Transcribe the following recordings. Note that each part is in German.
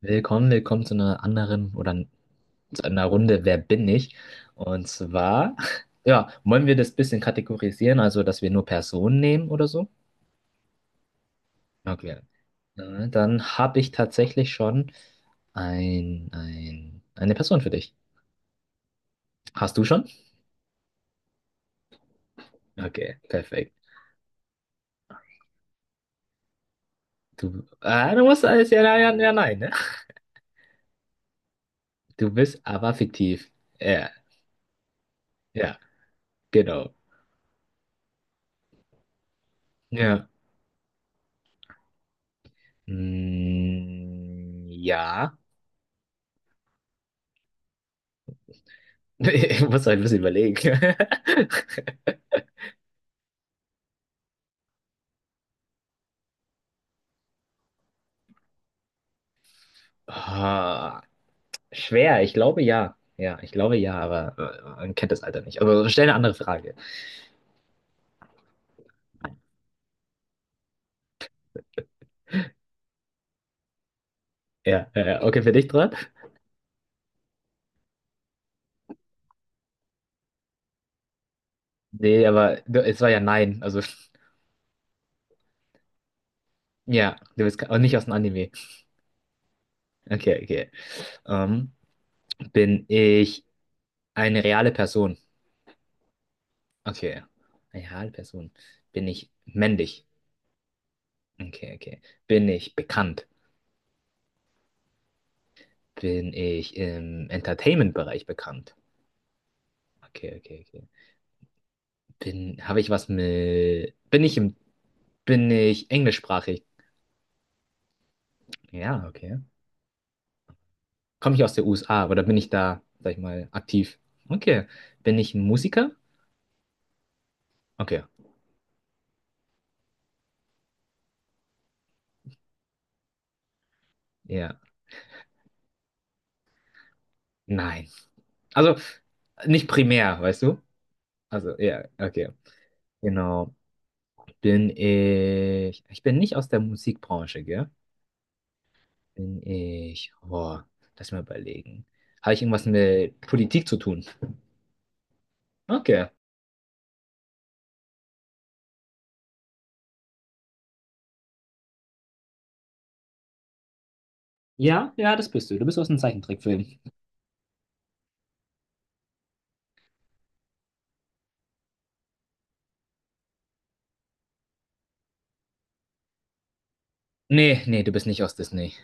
Willkommen, willkommen zu einer anderen oder zu einer Runde Wer bin ich? Und zwar, ja, wollen wir das bisschen kategorisieren, also dass wir nur Personen nehmen oder so? Okay. Dann habe ich tatsächlich schon eine Person für dich. Hast du schon? Okay, perfekt. Du, du musst alles ja, ja, ja, nein, ne? Du bist aber fiktiv. Ja, ja, genau. Ja. Mm, ja. Ich muss halt ein bisschen überlegen. Ah, schwer, ich glaube ja. Ja, ich glaube ja, aber man kennt das Alter nicht. Aber stell eine andere Frage. Ja, okay, für dich dran? Nee, aber du, es war ja nein. Also, ja, du bist auch nicht aus dem Anime. Okay, okay. Ähm, bin ich eine reale Person? Okay. Eine reale Person. Bin ich männlich? Okay, okay. Bin ich bekannt? Bin ich im Entertainment-Bereich bekannt? Okay, okay, okay. Bin, habe ich was mit, bin ich im Bin ich englischsprachig? Ja, okay. Komme ich aus der USA oder bin ich da, sag ich mal, aktiv? Okay. Bin ich ein Musiker? Okay. Ja. Nein. Also nicht primär, weißt du? Also, ja, okay. Genau. Bin ich. Ich bin nicht aus der Musikbranche, gell? Bin ich. Boah, lass mal überlegen. Habe ich irgendwas mit Politik zu tun? Okay. Ja, ja, das bist du. Du bist aus dem Zeichentrickfilm. Nee, nee, du bist nicht aus Disney.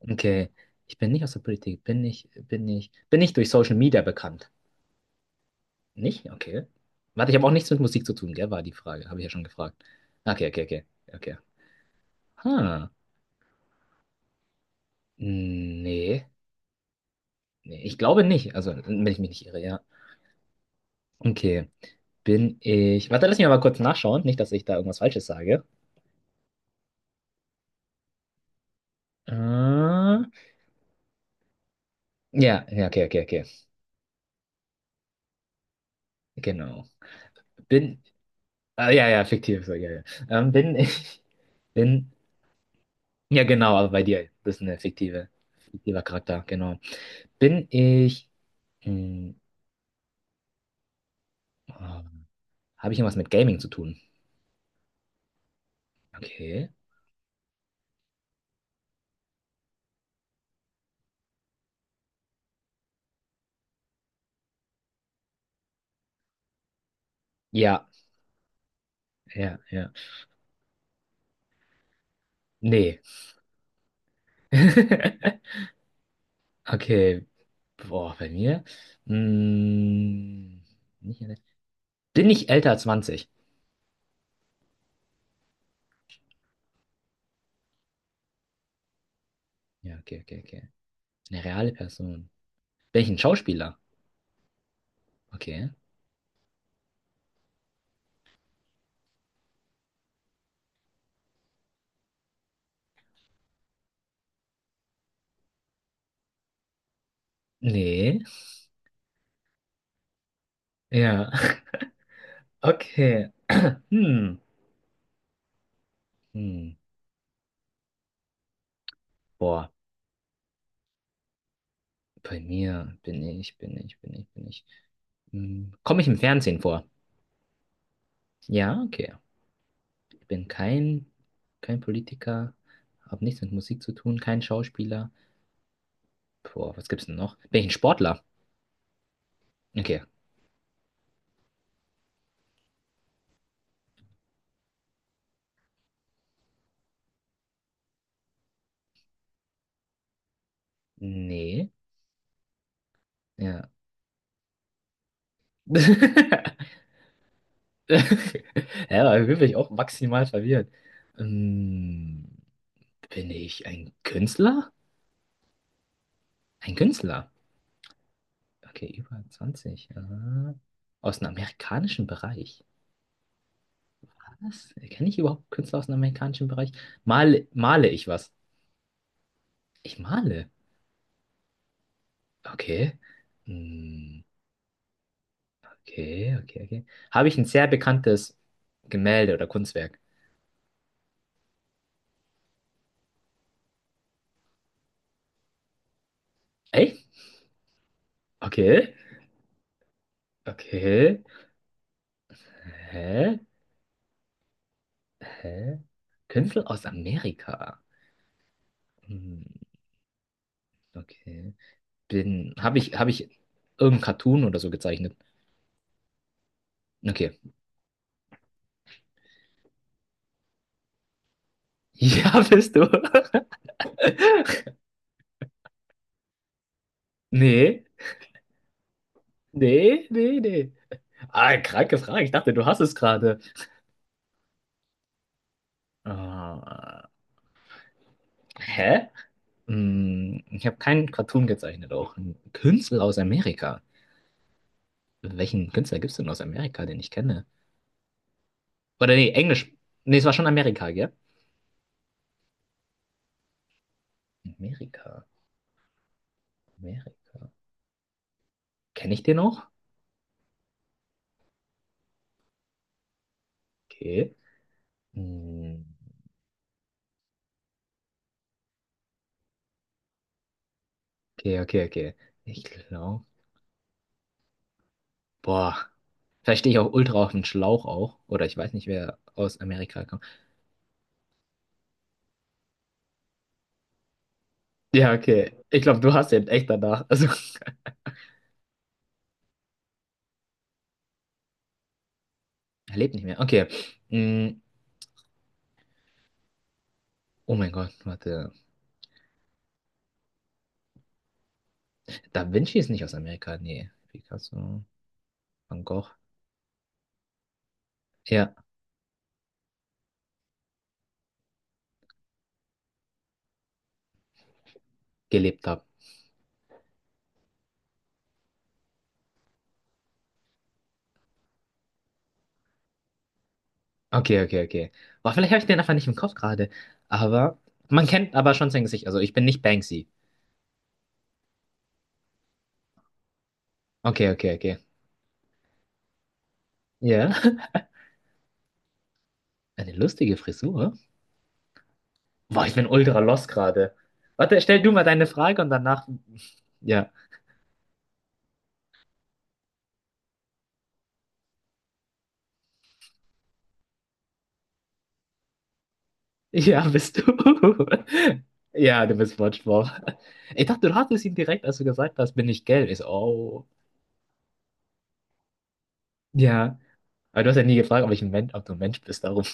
Okay. Ich bin nicht aus der Politik. Bin ich durch Social Media bekannt? Nicht? Okay. Warte, ich habe auch nichts mit Musik zu tun, gell? War die Frage. Habe ich ja schon gefragt. Okay, okay, okay. Okay. Ha. Nee. Nee, ich glaube nicht. Also, wenn ich mich nicht irre, ja. Okay. Bin ich. Warte, lass mich mal kurz nachschauen. Nicht, dass ich da irgendwas Falsches sage. Ja, ja, okay, okay, okay. Genau. Bin. Ah, ja, ja, fiktiv. So, ja, ja. Bin ich. Bin Ja, genau, aber bei dir. Das ist eine fiktive, fiktiver Charakter, genau. Bin ich. Hm, oh, habe ich irgendwas mit Gaming zu tun? Okay. Ja, ja, ja. Nee. Okay. Boah, bei mir. Hm, nicht, alle- bin ich älter als 20? Ja, okay, okay, okay. Eine reale Person. Bin ich ein Schauspieler? Okay. Nee. Ja. Okay. Hm. Hm. Boah. Bei mir bin ich, bin ich, bin ich, bin ich. Hm, Komme ich im Fernsehen vor? Ja, okay. Ich bin kein Politiker, habe nichts mit Musik zu tun, kein Schauspieler. Boah, was gibt's denn noch? Bin ich ein Sportler? Okay. Nee. Ja. Ja, aber wirklich auch maximal verwirrt. Hm, bin ich ein Künstler? Ein Künstler? Okay, über 20, Aha. Aus dem amerikanischen Bereich. Was? Kenne ich überhaupt Künstler aus dem amerikanischen Bereich? Male ich was? Ich male. Okay. Hm, okay, okay, okay. Habe ich ein sehr bekanntes Gemälde oder Kunstwerk? Echt? Okay. Okay. Hä? Hä? Künstler aus Amerika. Hm, okay. Habe ich irgendein Cartoon oder so gezeichnet? Okay. Ja, bist du. Nee. Nee, nee, nee. Ah, kranke Frage. Ich dachte, du hast es gerade. Ah, hä? Hm, ich habe keinen Cartoon gezeichnet, auch einen Künstler aus Amerika. Welchen Künstler gibt es denn aus Amerika, den ich kenne? Oder nee, Englisch. Nee, es war schon Amerika, gell? Amerika, Amerika. Kenne ich den noch? Okay. Hm, okay, okay, okay. Ich glaube. Boah. Vielleicht stehe ich auch ultra auf den Schlauch auch. Oder ich weiß nicht, wer aus Amerika kommt. Ja, okay. Ich glaube, du hast den echt danach. Also, er lebt nicht mehr. Okay. Hm, oh mein Gott, warte. Da Vinci ist nicht aus Amerika, nee. Picasso, Van Gogh. Ja, gelebt haben. Okay, okay, okay. Boah, vielleicht habe ich den einfach nicht im Kopf gerade. Aber man kennt aber schon sein Gesicht. Also ich bin nicht Banksy. Okay, okay, okay. Ja. Eine lustige Frisur. Boah, ich bin ultra lost gerade. Warte, stell du mal deine Frage und danach. Ja. Ja, bist du. Ja, du bist Wortschwupp. Ich dachte, du hattest ihn direkt, als du gesagt hast, bin ich gelb. Ich so, oh. Ja. Aber du hast ja nie gefragt, ob ich ob du ein Mensch bist, darum.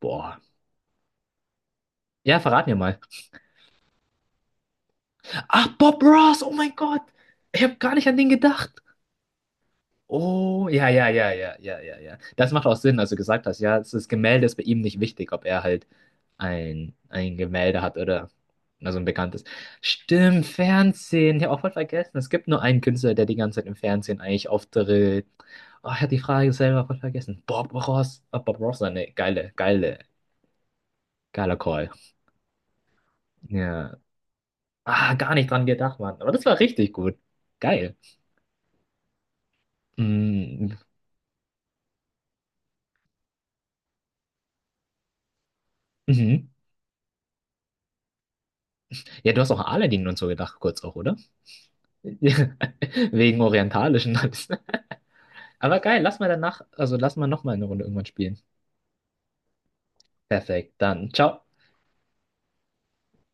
Boah. Ja, verrat mir mal. Ach, Bob Ross, oh mein Gott. Ich habe gar nicht an den gedacht. Oh, ja, ja, ja, ja, ja, ja, ja. Das macht auch Sinn, als du gesagt hast, ja, das Gemälde ist bei ihm nicht wichtig, ob er halt ein Gemälde hat oder also ein bekanntes. Stimmt, Fernsehen. Ich habe auch voll vergessen. Es gibt nur einen Künstler, der die ganze Zeit im Fernsehen eigentlich auftritt. Oh, ich habe die Frage selber voll vergessen. Bob Ross. Oh, Bob Ross, eine geiler Call. Ja. Ah, gar nicht dran gedacht, Mann. Aber das war richtig gut. Geil. Mm, Mhm. Ja, du hast auch an Aladdin und so gedacht, kurz auch, oder? Wegen orientalischen alles. Aber geil, lass mal danach, also lass mal nochmal eine Runde irgendwann spielen. Perfekt, dann ciao.